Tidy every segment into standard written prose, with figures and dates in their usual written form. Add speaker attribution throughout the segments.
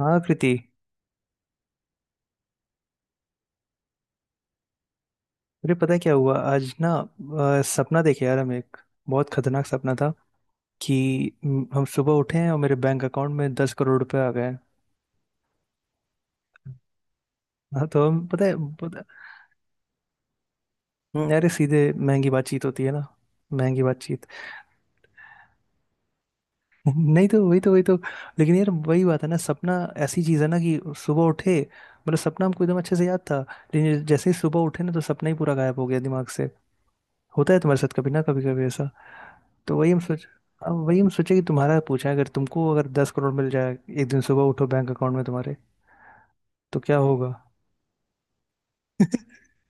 Speaker 1: हाँ कृति। अरे पता है क्या हुआ आज ना। सपना देखे यार हम एक बहुत खतरनाक सपना था कि हम सुबह उठे हैं और मेरे बैंक अकाउंट में 10 करोड़ रुपए आ गए हैं। हाँ तो हम पता है। पता, अरे सीधे महंगी बातचीत होती है ना। महंगी बातचीत। नहीं तो वही तो। लेकिन यार वही बात है ना, सपना ऐसी चीज है ना कि सुबह उठे मतलब सपना हमको एकदम अच्छे से याद था, लेकिन जैसे ही सुबह उठे ना तो सपना ही पूरा गायब हो गया दिमाग से। होता है तुम्हारे साथ कभी ना कभी कभी तो वही हम सोच। अब वही हम सोचे कि तुम्हारा पूछा है, अगर तुमको अगर 10 करोड़ मिल जाए, एक दिन सुबह उठो बैंक अकाउंट में तुम्हारे, तो क्या होगा।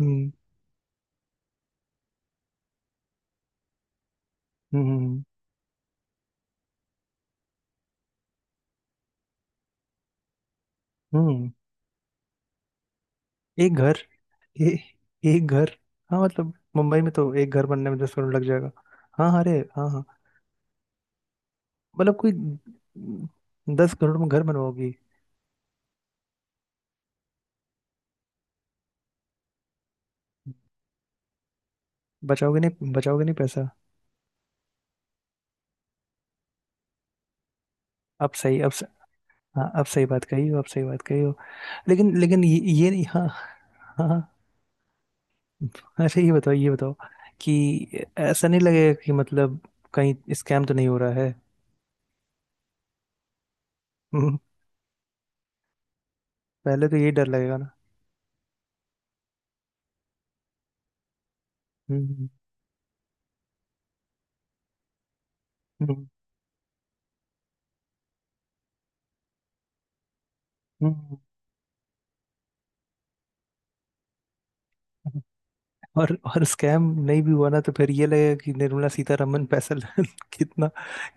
Speaker 1: हम्म। हम्म। हम्म। एक घर। ए, एक घर। हाँ मतलब मुंबई में तो एक घर बनने में 10 करोड़ लग जाएगा। हाँ हाँ, अरे हाँ हाँ। मतलब कोई 10 करोड़ में घर बनवाओगी। बचाओगे नहीं, बचाओगे नहीं पैसा। अब सही अब स, हाँ अब सही बात कही हो, अब सही बात कही हो। लेकिन लेकिन ये नहीं हाँ। हाँ। अच्छा ये बताओ, ये बताओ कि ऐसा नहीं लगेगा कि मतलब कहीं स्कैम तो नहीं हो रहा है। हम्म, पहले तो यही डर लगेगा ना। हम्म। हम्म। हम्म। और स्कैम नहीं भी हुआ ना तो फिर ये लगेगा कि निर्मला सीतारमन पैसा कितना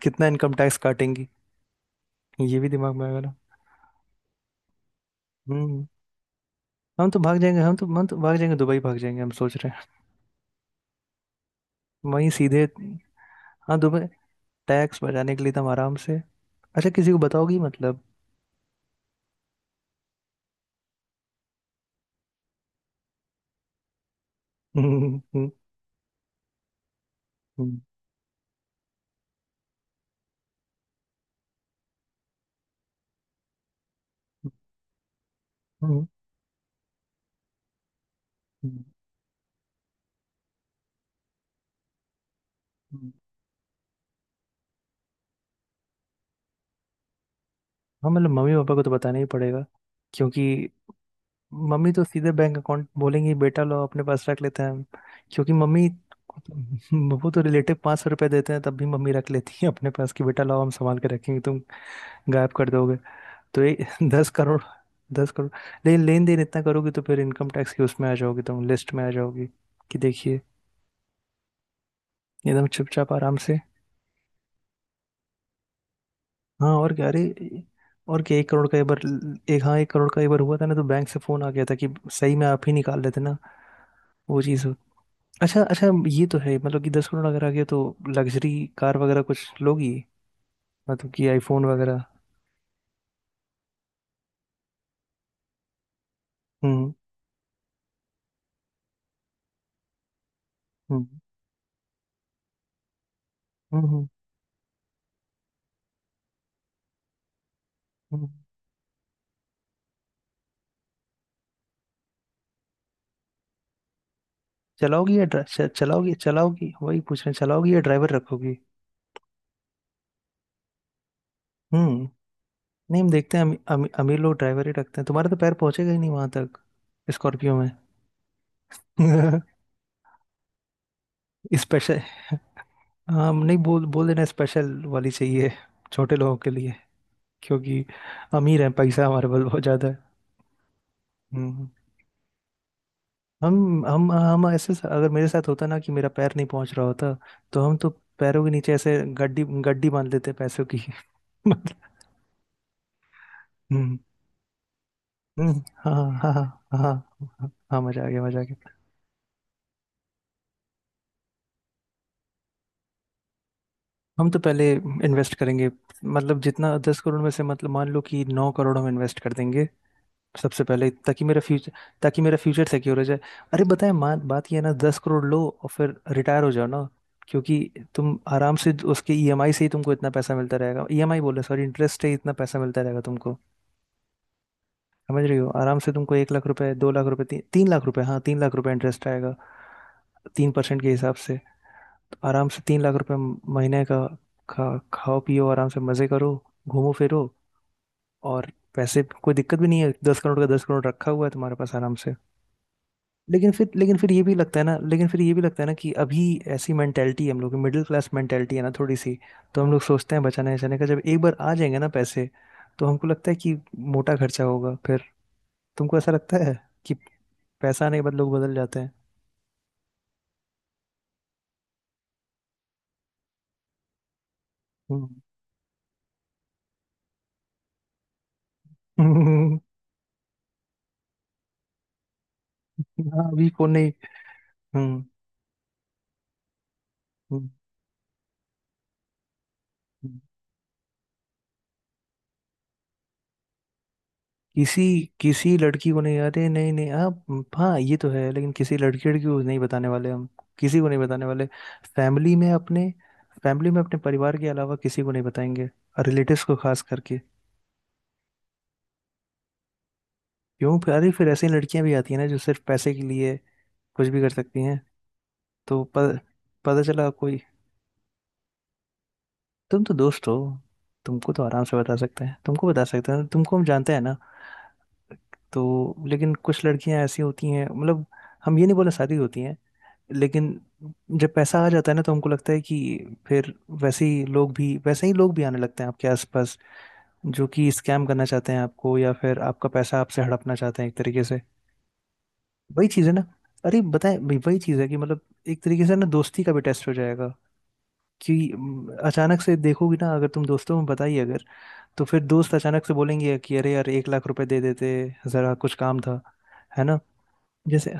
Speaker 1: कितना इनकम टैक्स काटेंगी। ये भी दिमाग में आएगा ना। हम्म। हम तो भाग जाएंगे, हम तो भाग जाएंगे, दुबई भाग जाएंगे हम सोच रहे हैं, वहीं सीधे। हाँ दुबई, टैक्स बचाने के लिए तो हम आराम से। अच्छा किसी को बताओगी मतलब। हम्म। हम्म। हम्म। हम्म। हम्म, हम्म, हम्म। हाँ मतलब मम्मी पापा को तो बताना ही पड़ेगा, क्योंकि मम्मी तो सीधे बैंक अकाउंट बोलेंगी बेटा लो अपने पास रख लेते हैं हम, क्योंकि मम्मी को तो वो तो रिलेटिव 500 रुपये देते हैं तब भी मम्मी रख लेती है अपने पास कि बेटा लाओ हम संभाल के रखेंगे। तुम गायब कर दोगे। तो ये 10 करोड़, दस करोड़। लेकिन लेन देन इतना करोगी तो फिर इनकम टैक्स की उसमें आ जाओगी, तुम लिस्ट में आ जाओगी कि देखिए, एकदम चुपचाप आराम से। हाँ और क्या। अरे और क्या, 1 करोड़ का एक बार, एक हाँ 1 करोड़ का एक बार हुआ था ना तो बैंक से फोन आ गया था कि सही में आप ही निकाल लेते ना, वो चीज़ हो। अच्छा अच्छा, ये तो है मतलब कि 10 करोड़ अगर आ गया तो लग्जरी कार वगैरह कुछ लोगी, मतलब कि आईफोन वगैरह। हम्म। हम्म। हम्म, हम्म। चलाओगी या चलाओगी, चलाओगी वही पूछ रहे हैं, चलाओगी या ड्राइवर रखोगी। हम्म। नहीं हम देखते हैं अमी, अमी, अमीर लोग ड्राइवर ही रखते हैं, तुम्हारे तो पैर पहुंचेगा ही नहीं वहां तक स्कॉर्पियो में। स्पेशल, हाँ नहीं बोल बोल देना स्पेशल वाली चाहिए, छोटे लोगों के लिए, क्योंकि अमीर हैं, पैसा हमारे पास बहुत ज़्यादा है। हम्म। हम ऐसे अगर मेरे साथ होता ना कि मेरा पैर नहीं पहुंच रहा होता, तो हम तो पैरों के नीचे ऐसे गड्डी गड्डी बांध लेते पैसों की। हम्म हाँ। हाँ हाँ हाँ, हाँ मजा आ गया, मजा आ गया। हम तो पहले इन्वेस्ट करेंगे, मतलब जितना दस करोड़ में से मतलब मान लो कि 9 करोड़ हम इन्वेस्ट कर देंगे सबसे पहले, ताकि मेरा फ्यूचर, ताकि मेरा फ्यूचर सिक्योर हो जाए। अरे बताए मान, बात ये है ना दस करोड़ लो और फिर रिटायर हो जाओ ना, क्योंकि तुम आराम से उसके EMI से ही तुमको इतना पैसा मिलता रहेगा, ईएमआई बोले सॉरी इंटरेस्ट से ही इतना पैसा मिलता रहेगा तुमको। समझ रही हो, आराम से तुमको 1 लाख रुपए, 2 लाख रुपए, 3 लाख रुपए, हाँ 3 लाख रुपए इंटरेस्ट आएगा। 3% के हिसाब से तो आराम से 3 लाख रुपए महीने का। खा खाओ पियो आराम से, मजे करो, घूमो फिरो, और पैसे कोई दिक्कत भी नहीं है, 10 करोड़ का 10 करोड़ रखा हुआ है तुम्हारे पास आराम से। लेकिन फिर ये भी लगता है ना, लेकिन फिर ये भी लगता है ना कि अभी ऐसी मेंटेलिटी हम लोग की, मिडिल क्लास मेंटेलिटी है ना थोड़ी सी, तो हम लोग सोचते हैं बचाने बचाने का। जब एक बार आ जाएंगे ना पैसे तो हमको लगता है कि मोटा खर्चा होगा फिर। तुमको ऐसा लगता है कि पैसा आने के बाद लोग बदल जाते हैं। हम्म। हाँ अभी कौन नहीं। हम्म। हम्म, हम्म। किसी किसी लड़की को नहीं, अरे नहीं नहीं आप हाँ ये तो है, लेकिन किसी लड़की लड़की को नहीं बताने वाले हम, किसी को नहीं बताने वाले, फैमिली में अपने, फैमिली में अपने परिवार के अलावा किसी को नहीं बताएंगे, और रिलेटिव्स को खास करके। क्यों फिर, अरे फिर ऐसी लड़कियां भी आती हैं ना जो सिर्फ पैसे के लिए कुछ भी कर सकती हैं। तो प, पता चला कोई। तुम तो दोस्त हो, तुमको तो आराम से बता सकते हैं, तुमको बता सकते हैं, तुमको हम जानते हैं ना। तो लेकिन कुछ लड़कियां ऐसी होती हैं, मतलब हम ये नहीं बोले शादी होती हैं, लेकिन जब पैसा आ जाता है ना तो हमको लगता है कि फिर वैसे ही लोग भी, वैसे ही लोग भी आने लगते हैं आपके आसपास, जो कि स्कैम करना चाहते हैं आपको, या फिर आपका पैसा आपसे हड़पना चाहते हैं एक तरीके से। वही चीज़ है ना, अरे बताएं भाई वही चीज़ है, कि मतलब एक तरीके से ना दोस्ती का भी टेस्ट हो जाएगा, कि अचानक से देखोगी ना अगर तुम दोस्तों में बताई अगर, तो फिर दोस्त अचानक से बोलेंगे कि अरे यार 1 लाख रुपए दे देते ज़रा, कुछ काम था, है ना। जैसे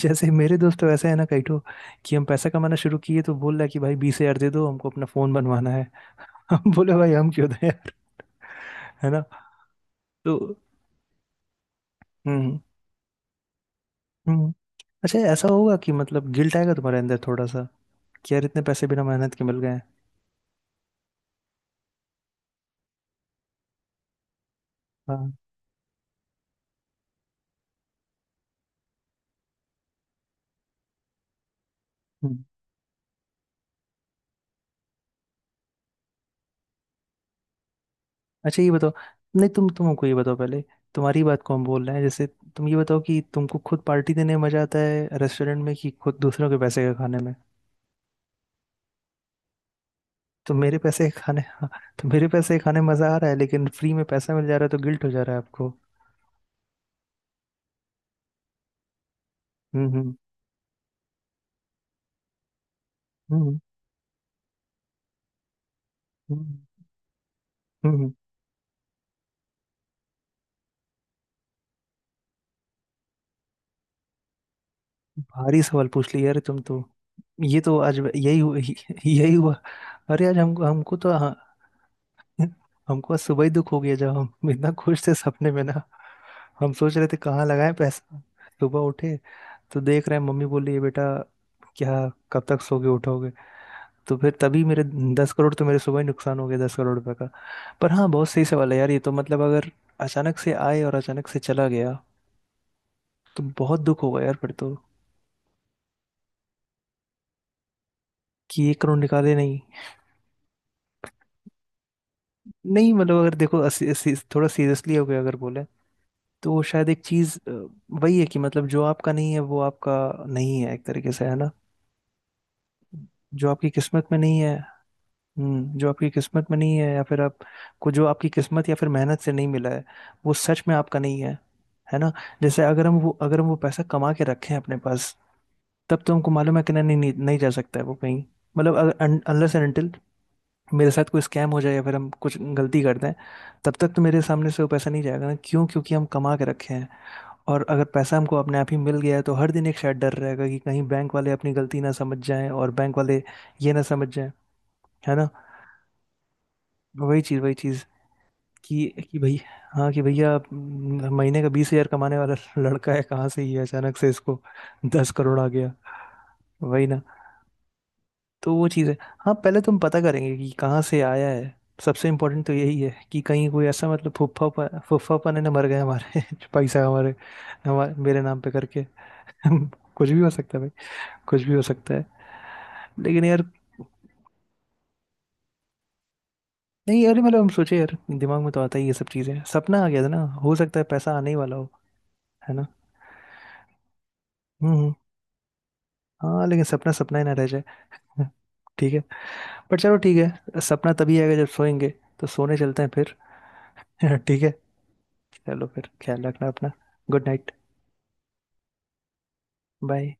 Speaker 1: जैसे मेरे दोस्त तो ऐसे है ना कैठो कि हम पैसा कमाना शुरू किए तो बोल रहा है कि भाई 20 हजार दे दो हमको अपना फोन बनवाना है। हम बोले भाई हम क्यों दें यार, है ना। तो हम्म। हम्म। अच्छा ऐसा होगा कि मतलब गिल्ट आएगा तुम्हारे अंदर थोड़ा सा, कि यार इतने पैसे बिना मेहनत के मिल गए हैं। हाँ। हम्म। अच्छा ये बताओ, नहीं तुम तुम हमको ये बताओ पहले, तुम्हारी बात को हम बोल रहे हैं जैसे, तुम ये बताओ कि तुमको खुद पार्टी देने में मजा आता है रेस्टोरेंट में, कि खुद दूसरों के पैसे का खाने में। तो मेरे पैसे खाने, हाँ, तो मेरे पैसे खाने मजा आ रहा है, लेकिन फ्री में पैसा मिल जा रहा है तो गिल्ट हो जा रहा है आपको। हम्म। हम्म। हम्म। हम्म। हम्म। हम्म, हम्म। भारी सवाल पूछ लिया यार तुम तो, ये तो आज यही हुआ, यही हुआ। अरे आज हमको हमको तो हाँ, हमको आज सुबह ही दुख हो गया जब हम इतना खुश थे सपने में ना, हम सोच रहे थे कहाँ लगाएं पैसा। सुबह उठे तो देख रहे हैं मम्मी बोल रही है बेटा क्या कब तक सोगे, उठोगे। तो फिर तभी मेरे दस करोड़ तो मेरे सुबह ही नुकसान हो गया, 10 करोड़ रुपए। पर हाँ, बहुत सही सवाल है यार, ये तो मतलब अगर अचानक से आए और अचानक से चला गया तो बहुत दुख होगा यार फिर तो, कि 1 करोड़ निकाले नहीं। नहीं मतलब अगर देखो असी, असी, थोड़ा सीरियसली हो गया अगर बोले, तो वो शायद एक चीज वही है कि मतलब जो आपका नहीं है वो आपका नहीं है एक तरीके से, है ना। जो आपकी किस्मत में नहीं है। हम्म, जो आपकी किस्मत में नहीं है, या फिर आप को जो आपकी किस्मत या फिर मेहनत से नहीं मिला है, वो सच में आपका नहीं है, है ना। जैसे अगर हम वो, अगर हम वो पैसा कमा के रखें अपने पास, तब तो हमको मालूम है कि नहीं नहीं, नहीं जा सकता है वो कहीं, मतलब अनलेस एंड अनटिल मेरे साथ कोई स्कैम हो जाए या फिर हम कुछ गलती कर दें, तब तक तो मेरे सामने से वो पैसा नहीं जाएगा ना, क्यों, क्योंकि हम कमा के रखे हैं। और अगर पैसा हमको अपने आप ही मिल गया है तो हर दिन एक शायद डर रहेगा कि कहीं बैंक वाले अपनी गलती ना समझ जाएं, और बैंक वाले ये ना समझ जाएं, है ना। वही चीज़ वही चीज़, कि भाई, हाँ कि भैया महीने का 20 हजार कमाने वाला लड़का है, कहाँ से ये अचानक से इसको 10 करोड़ आ गया। वही ना। तो वो चीज़ है, हाँ पहले तुम पता करेंगे कि कहाँ से आया है। सबसे इम्पोर्टेंट तो यही है, कि कहीं कोई ऐसा मतलब फुफ्फा फुफ्फा पने ना मर गए हमारे जो पैसा हमारे हमारे मेरे नाम पे करके। कुछ भी हो सकता है भाई, कुछ भी हो सकता है। लेकिन यार, नहीं यार, मतलब हम सोचे यार दिमाग में तो आता ही ये सब चीज़ें, सपना आ गया था ना, हो सकता है पैसा आने ही वाला हो, है ना। हम्म। हाँ लेकिन सपना सपना ही ना रह जाए। हाँ, ठीक है। पर चलो ठीक है, सपना तभी आएगा जब सोएंगे, तो सोने चलते हैं फिर। ठीक है, चलो फिर ख्याल रखना अपना। Good night. बाय।